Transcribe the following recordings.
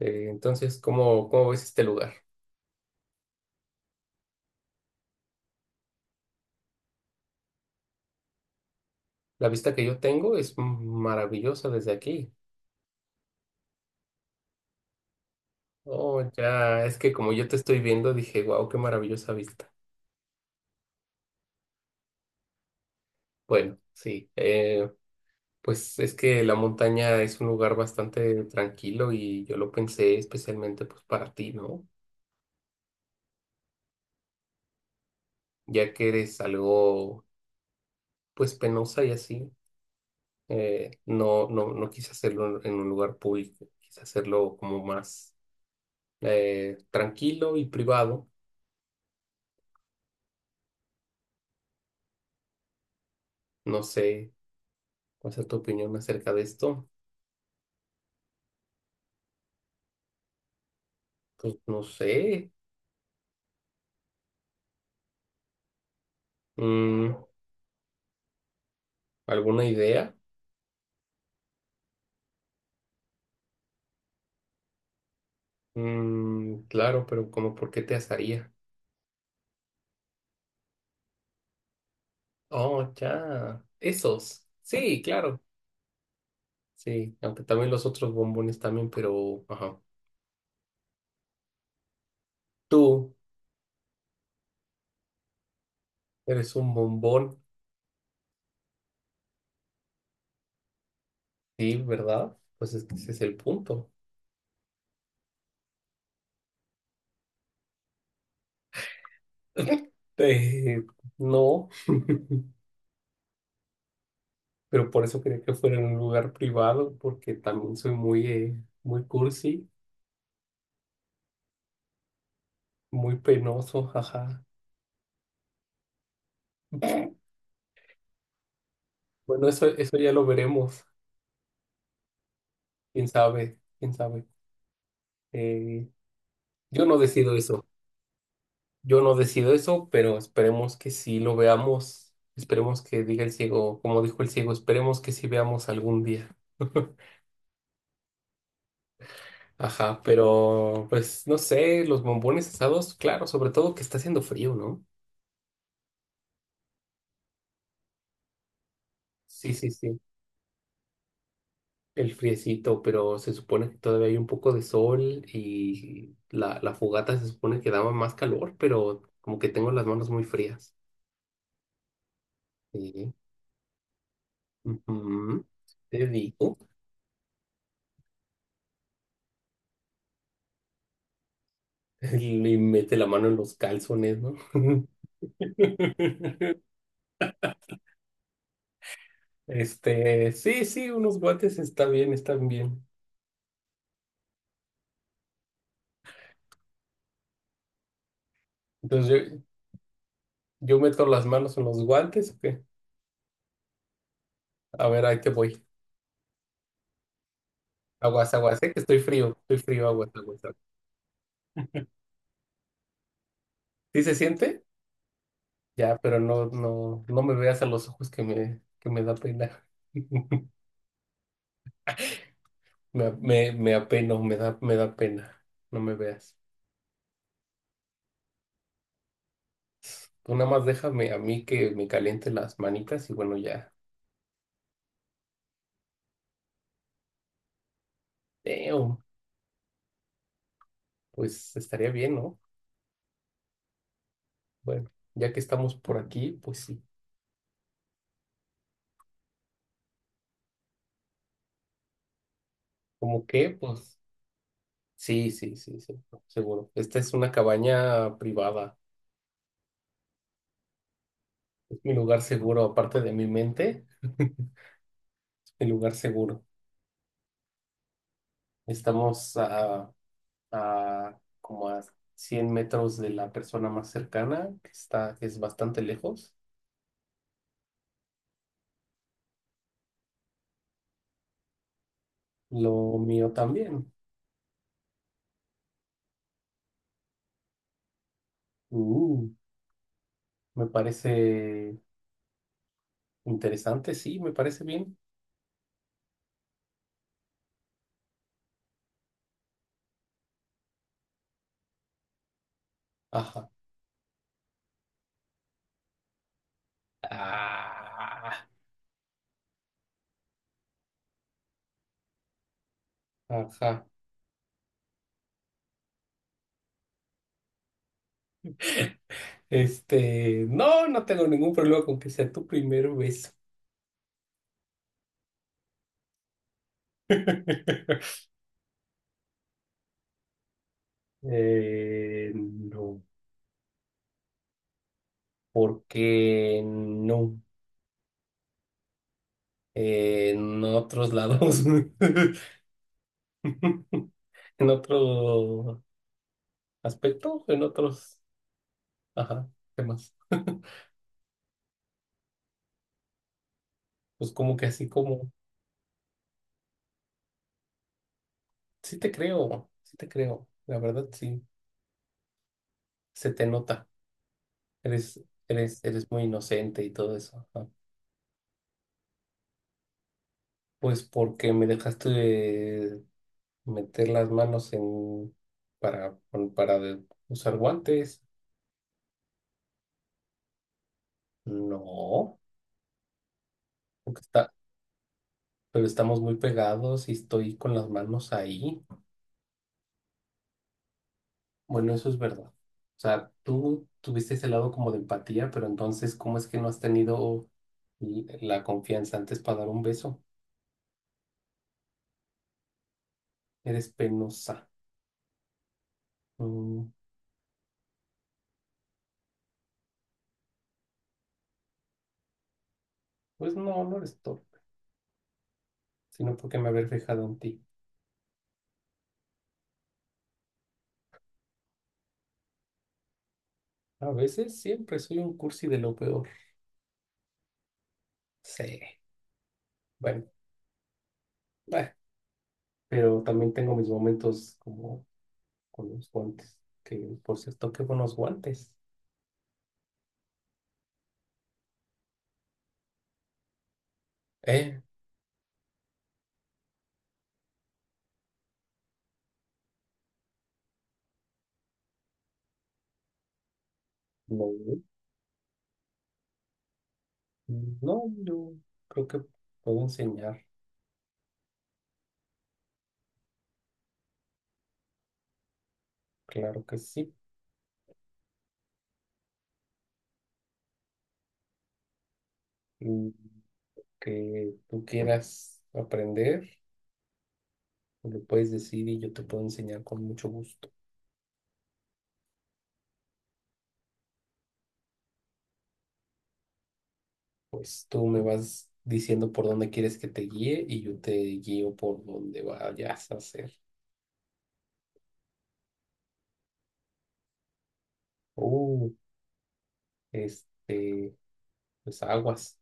Entonces, ¿cómo ves este lugar? La vista que yo tengo es maravillosa desde aquí. Oh, ya, es que como yo te estoy viendo, dije, wow, qué maravillosa vista. Bueno, sí, pues es que la montaña es un lugar bastante tranquilo y yo lo pensé especialmente pues para ti, ¿no? Ya que eres algo pues penosa y así, no quise hacerlo en un lugar público, quise hacerlo como más tranquilo y privado. No sé. ¿Cuál es tu opinión acerca de esto? Pues no sé. Mm, ¿Alguna idea? Mm, claro, pero como por qué te asaría? Oh, ya. Esos. Sí, claro. Sí, aunque también los otros bombones también, pero ajá. Tú eres un bombón. Sí, ¿verdad? Pues es que ese es el punto. Eh, no, pero por eso quería que fuera en un lugar privado, porque también soy muy, muy cursi, muy penoso, ajá. Bueno, eso ya lo veremos. Quién sabe, quién sabe. Eh, yo no decido eso. Yo no decido eso, pero esperemos que sí lo veamos. Esperemos que diga el ciego, como dijo el ciego, esperemos que sí veamos algún día. Ajá, pero pues no sé, los bombones asados, claro, sobre todo que está haciendo frío, ¿no? Sí, sí, sí, el friecito, pero se supone que todavía hay un poco de sol y la fogata se supone que daba más calor, pero como que tengo las manos muy frías. Sí. Ujú. Te digo, le mete la mano en los calzones, ¿no? Este, sí, sí, unos guantes está bien, están bien. Entonces yo meto las manos en los guantes, ¿o qué? A ver, ahí te voy. Aguas, aguas, que estoy frío, aguas, aguas, aguas. ¿Sí se siente? Ya, pero no me veas a los ojos que me da pena. Me apeno, me da pena. No me veas. Tú nada más déjame a mí que me caliente las manitas y bueno, ya. Damn, pues estaría bien, ¿no? Bueno, ya que estamos por aquí, pues sí. ¿Cómo qué? Pues sí, sí, sí, sí, seguro. Esta es una cabaña privada. Es mi lugar seguro, aparte de mi mente, es mi lugar seguro. Estamos a como a 100 metros de la persona más cercana, que está, que es bastante lejos. Lo mío también. Uh, me parece interesante, sí, me parece bien. Ajá. Ah. Ajá. Este, no, no tengo ningún problema con que sea tu primer beso. Eh, no, porque no. En otros lados, en otro aspecto, en otros, ajá, temas. Pues como que así como, sí te creo, la verdad sí, se te nota, eres, eres muy inocente y todo eso. Ajá. Pues porque me dejaste meter las manos en para, pon- para de- usar guantes. No, porque está, pero estamos muy pegados y estoy con las manos ahí. Bueno, eso es verdad. O sea, tú tuviste ese lado como de empatía, pero entonces, ¿cómo es que no has tenido l- la confianza antes para dar un beso? Eres penosa. Mm, pues no, no eres torpe, sino porque me haber fijado en ti. A veces siempre soy un cursi de lo peor. Sí. Bueno, bah, pero también tengo mis momentos como con los guantes, que por cierto, qué buenos guantes. Eh, no, no, yo creo que puedo enseñar, claro que sí. Mm, que tú quieras aprender, me lo puedes decir y yo te puedo enseñar con mucho gusto. Pues tú me vas diciendo por dónde quieres que te guíe y yo te guío por dónde vayas a hacer. Uh, este, pues aguas,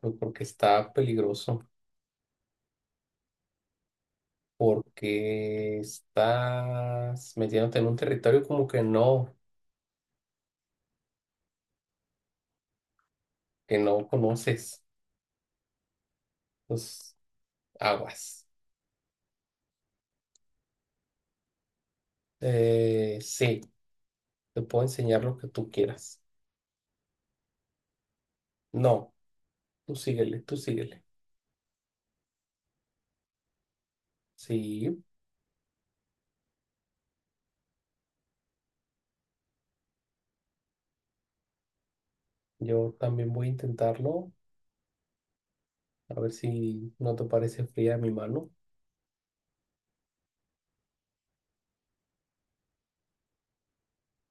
pues, porque está peligroso. Porque estás metiéndote en un territorio como que no conoces los aguas. Sí, te puedo enseñar lo que tú quieras. No, tú síguele, tú síguele. Sí, yo también voy a intentarlo, a ver si no te parece fría mi mano.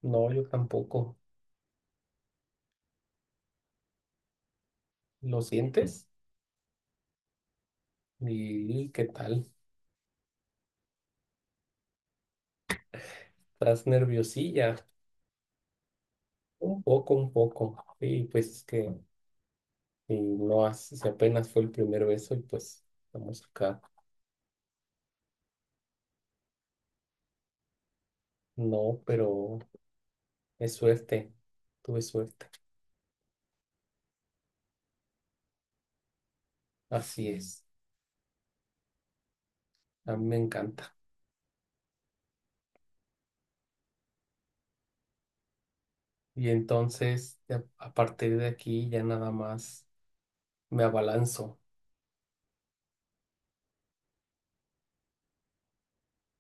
No, yo tampoco. ¿Lo sientes? ¿Y qué tal? ¿Estás nerviosilla? Un poco, un poco. Y pues es que y no hace, si apenas fue el primer beso y pues estamos acá. No, pero es suerte, tuve suerte. Así es, a mí me encanta. Y entonces, a partir de aquí ya nada más me abalanzo.